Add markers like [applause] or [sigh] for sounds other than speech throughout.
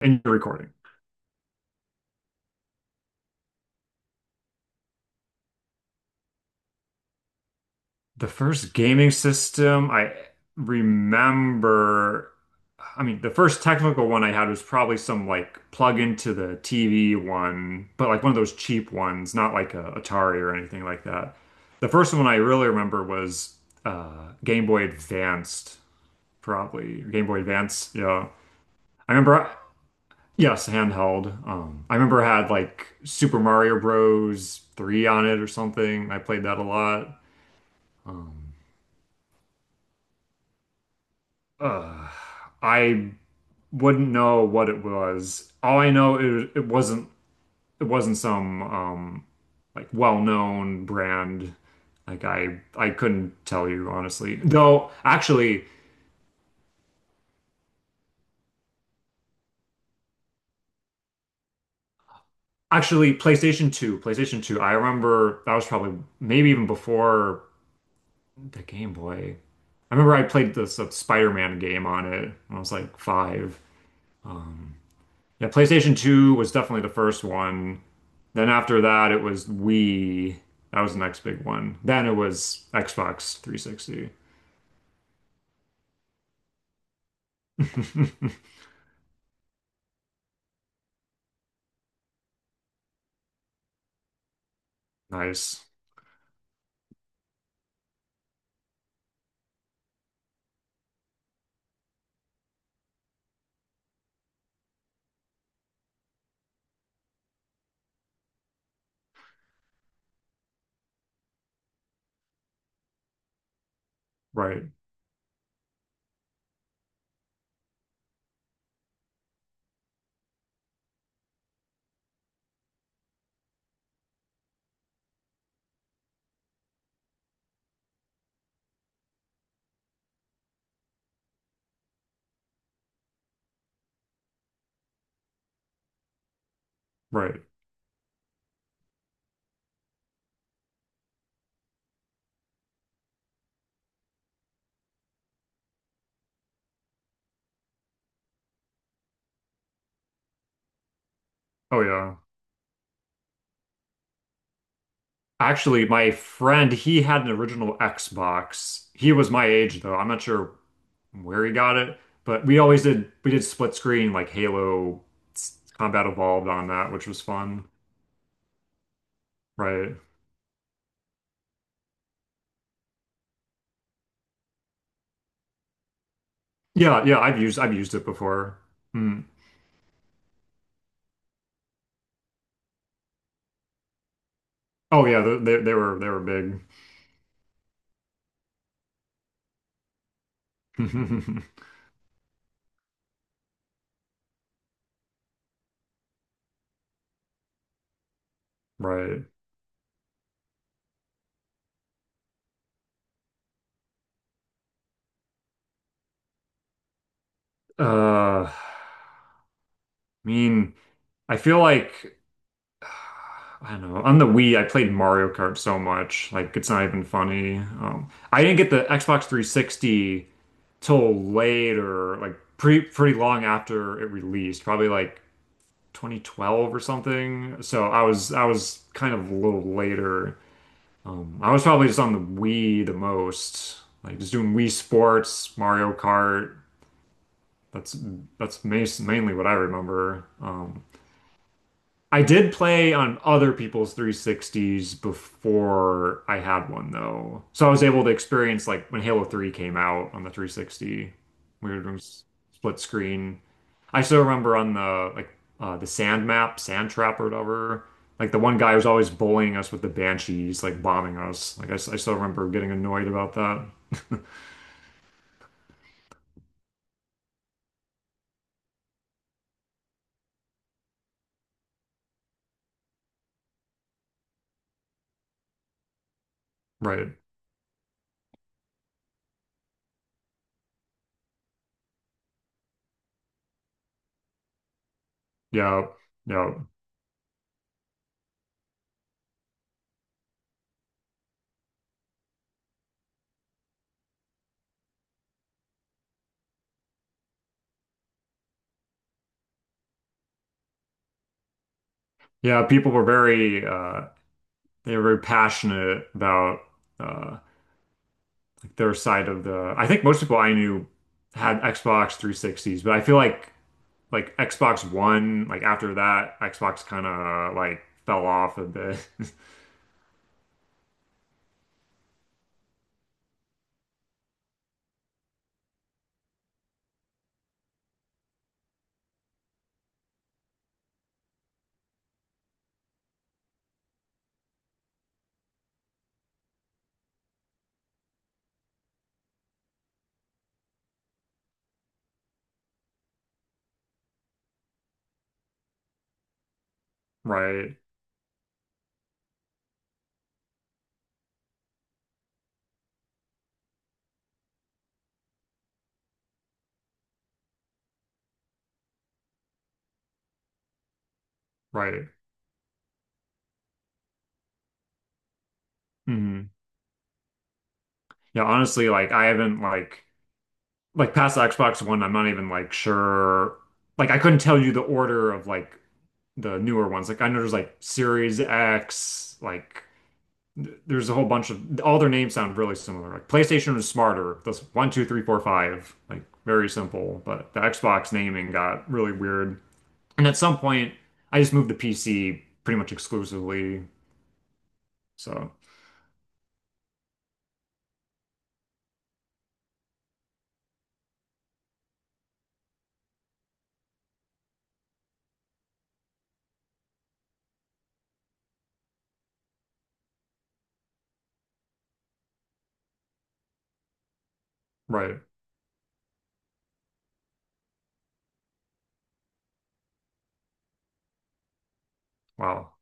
And you're recording. The first gaming system I remember, I mean, the first technical one I had was probably some like plug into the TV one, but like one of those cheap ones, not like a Atari or anything like that. The first one I really remember was Game Boy Advanced, probably. Game Boy Advance, yeah. I remember, yes, handheld. I remember it had like Super Mario Bros. 3 on it or something. I played that a lot. Uh, I wouldn't know what it was. All I know it wasn't it wasn't some like well-known brand. Like I couldn't tell you honestly. Though actually PlayStation 2, PlayStation 2, I remember that was probably maybe even before the Game Boy. I remember I played this Spider-Man game on it when I was like five. Yeah, PlayStation 2 was definitely the first one. Then after that, it was Wii. That was the next big one. Then it was Xbox 360. [laughs] Nice. Right. Right. Oh, yeah. Actually, my friend, he had an original Xbox. He was my age, though. I'm not sure where he got it, but we did split screen like Combat Evolved on that, which was fun. Right. Yeah. Yeah. I've used it before. Hmm. Oh, yeah. They were big. [laughs] Right. I mean, I feel like I don't know. On the Wii, I played Mario Kart so much, like it's not even funny. I didn't get the Xbox 360 till later, like pretty long after it released, probably like 2012 or something. So I was kind of a little later. I was probably just on the Wii the most, like just doing Wii Sports, Mario Kart. That's mainly what I remember. I did play on other people's 360s before I had one though. So I was able to experience like when Halo 3 came out on the 360, we were doing s- split screen. I still remember on the sand map, sand trap or whatever. Like the one guy was always bullying us with the banshees, like bombing us. I still remember getting annoyed about that. Right. Yeah. Yeah. Yeah. People were very they were very passionate about uh their side of the. I think most people I knew had Xbox 360s, but I feel like Xbox One, like after that, Xbox kind of like fell off a bit. [laughs] Right, right. Hmm. Yeah, honestly, like I haven't like past the Xbox One, I'm not even like sure. Like I couldn't tell you the order of like the newer ones. Like I know there's like Series X, like there's a whole bunch of all their names sound really similar. Like PlayStation was smarter. That's one, two, three, four, five. Like very simple. But the Xbox naming got really weird. And at some point, I just moved to PC pretty much exclusively. So right, wow,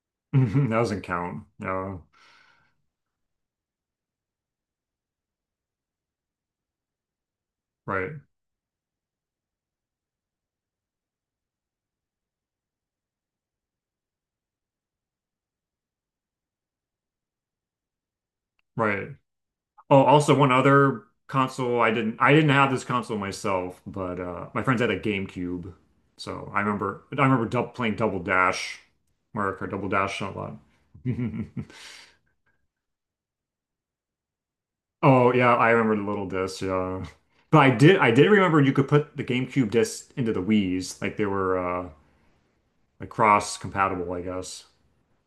[laughs] that doesn't count. Yeah, right, right. Oh, also one other console I didn't have this console myself, but my friends had a GameCube. So I remember dub playing Double Dash, Mario Kart Double Dash a lot. [laughs] Oh yeah, I remember the little disc, yeah. But I did remember you could put the GameCube disc into the Wii's, like they were like cross compatible, I guess.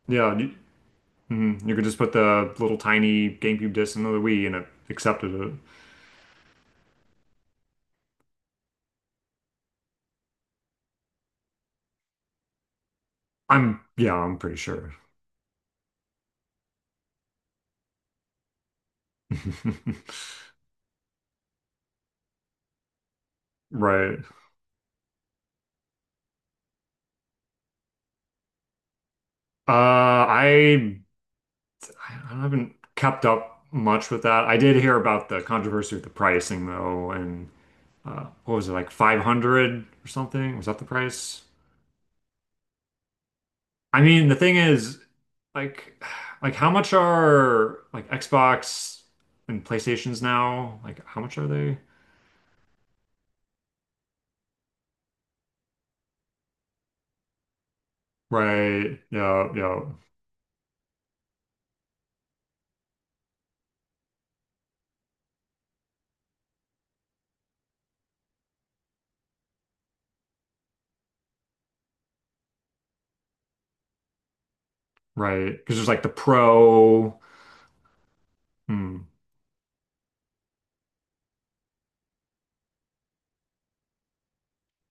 Yeah, you, mhm. You could just put the little tiny GameCube disc into the Wii and it accepted it. I'm yeah, I'm pretty sure. [laughs] Right. I I haven't kept up much with that. I did hear about the controversy with the pricing though, and what was it like 500 or something? Was that the price? I mean, the thing is, like, like how much are like Xbox and PlayStations now? Like, how much are they? Right. Yeah. Yeah. Right. Because there's like the Pro. Hmm.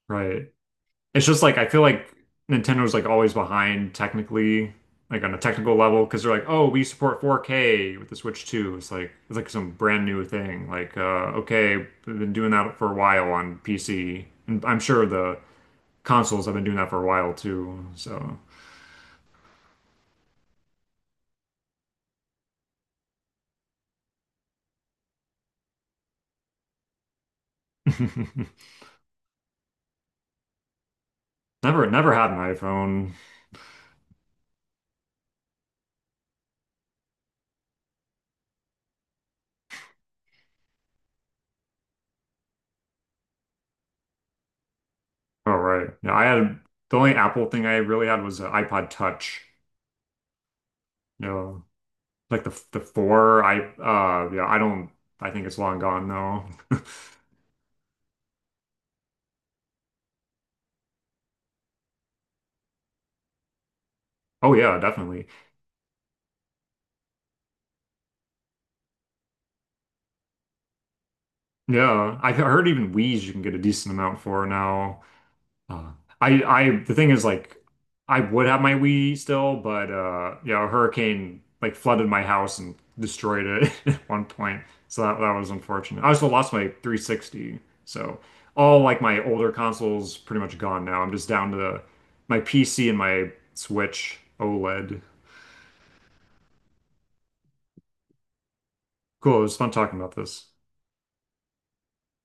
Right. It's just like I feel like Nintendo's like always behind technically, like on a technical level, because they're like, oh, we support 4K with the Switch 2. It's like some brand new thing. Like, okay, we've been doing that for a while on PC, and I'm sure the consoles have been doing that for a while too. So [laughs] never had an iPhone. Oh right, yeah, I had the only Apple thing I really had was an iPod Touch. You know, like the four. I yeah, I don't. I think it's long gone though. [laughs] Oh yeah, definitely. Yeah, I heard even Wii's you can get a decent amount for now. Uh, I the thing is like I would have my Wii still, but yeah, a hurricane like flooded my house and destroyed it [laughs] at one point. So that was unfortunate. I also lost my 360. So all like my older consoles pretty much gone now. I'm just down to my PC and my Switch OLED. Cool, it was fun talking about this.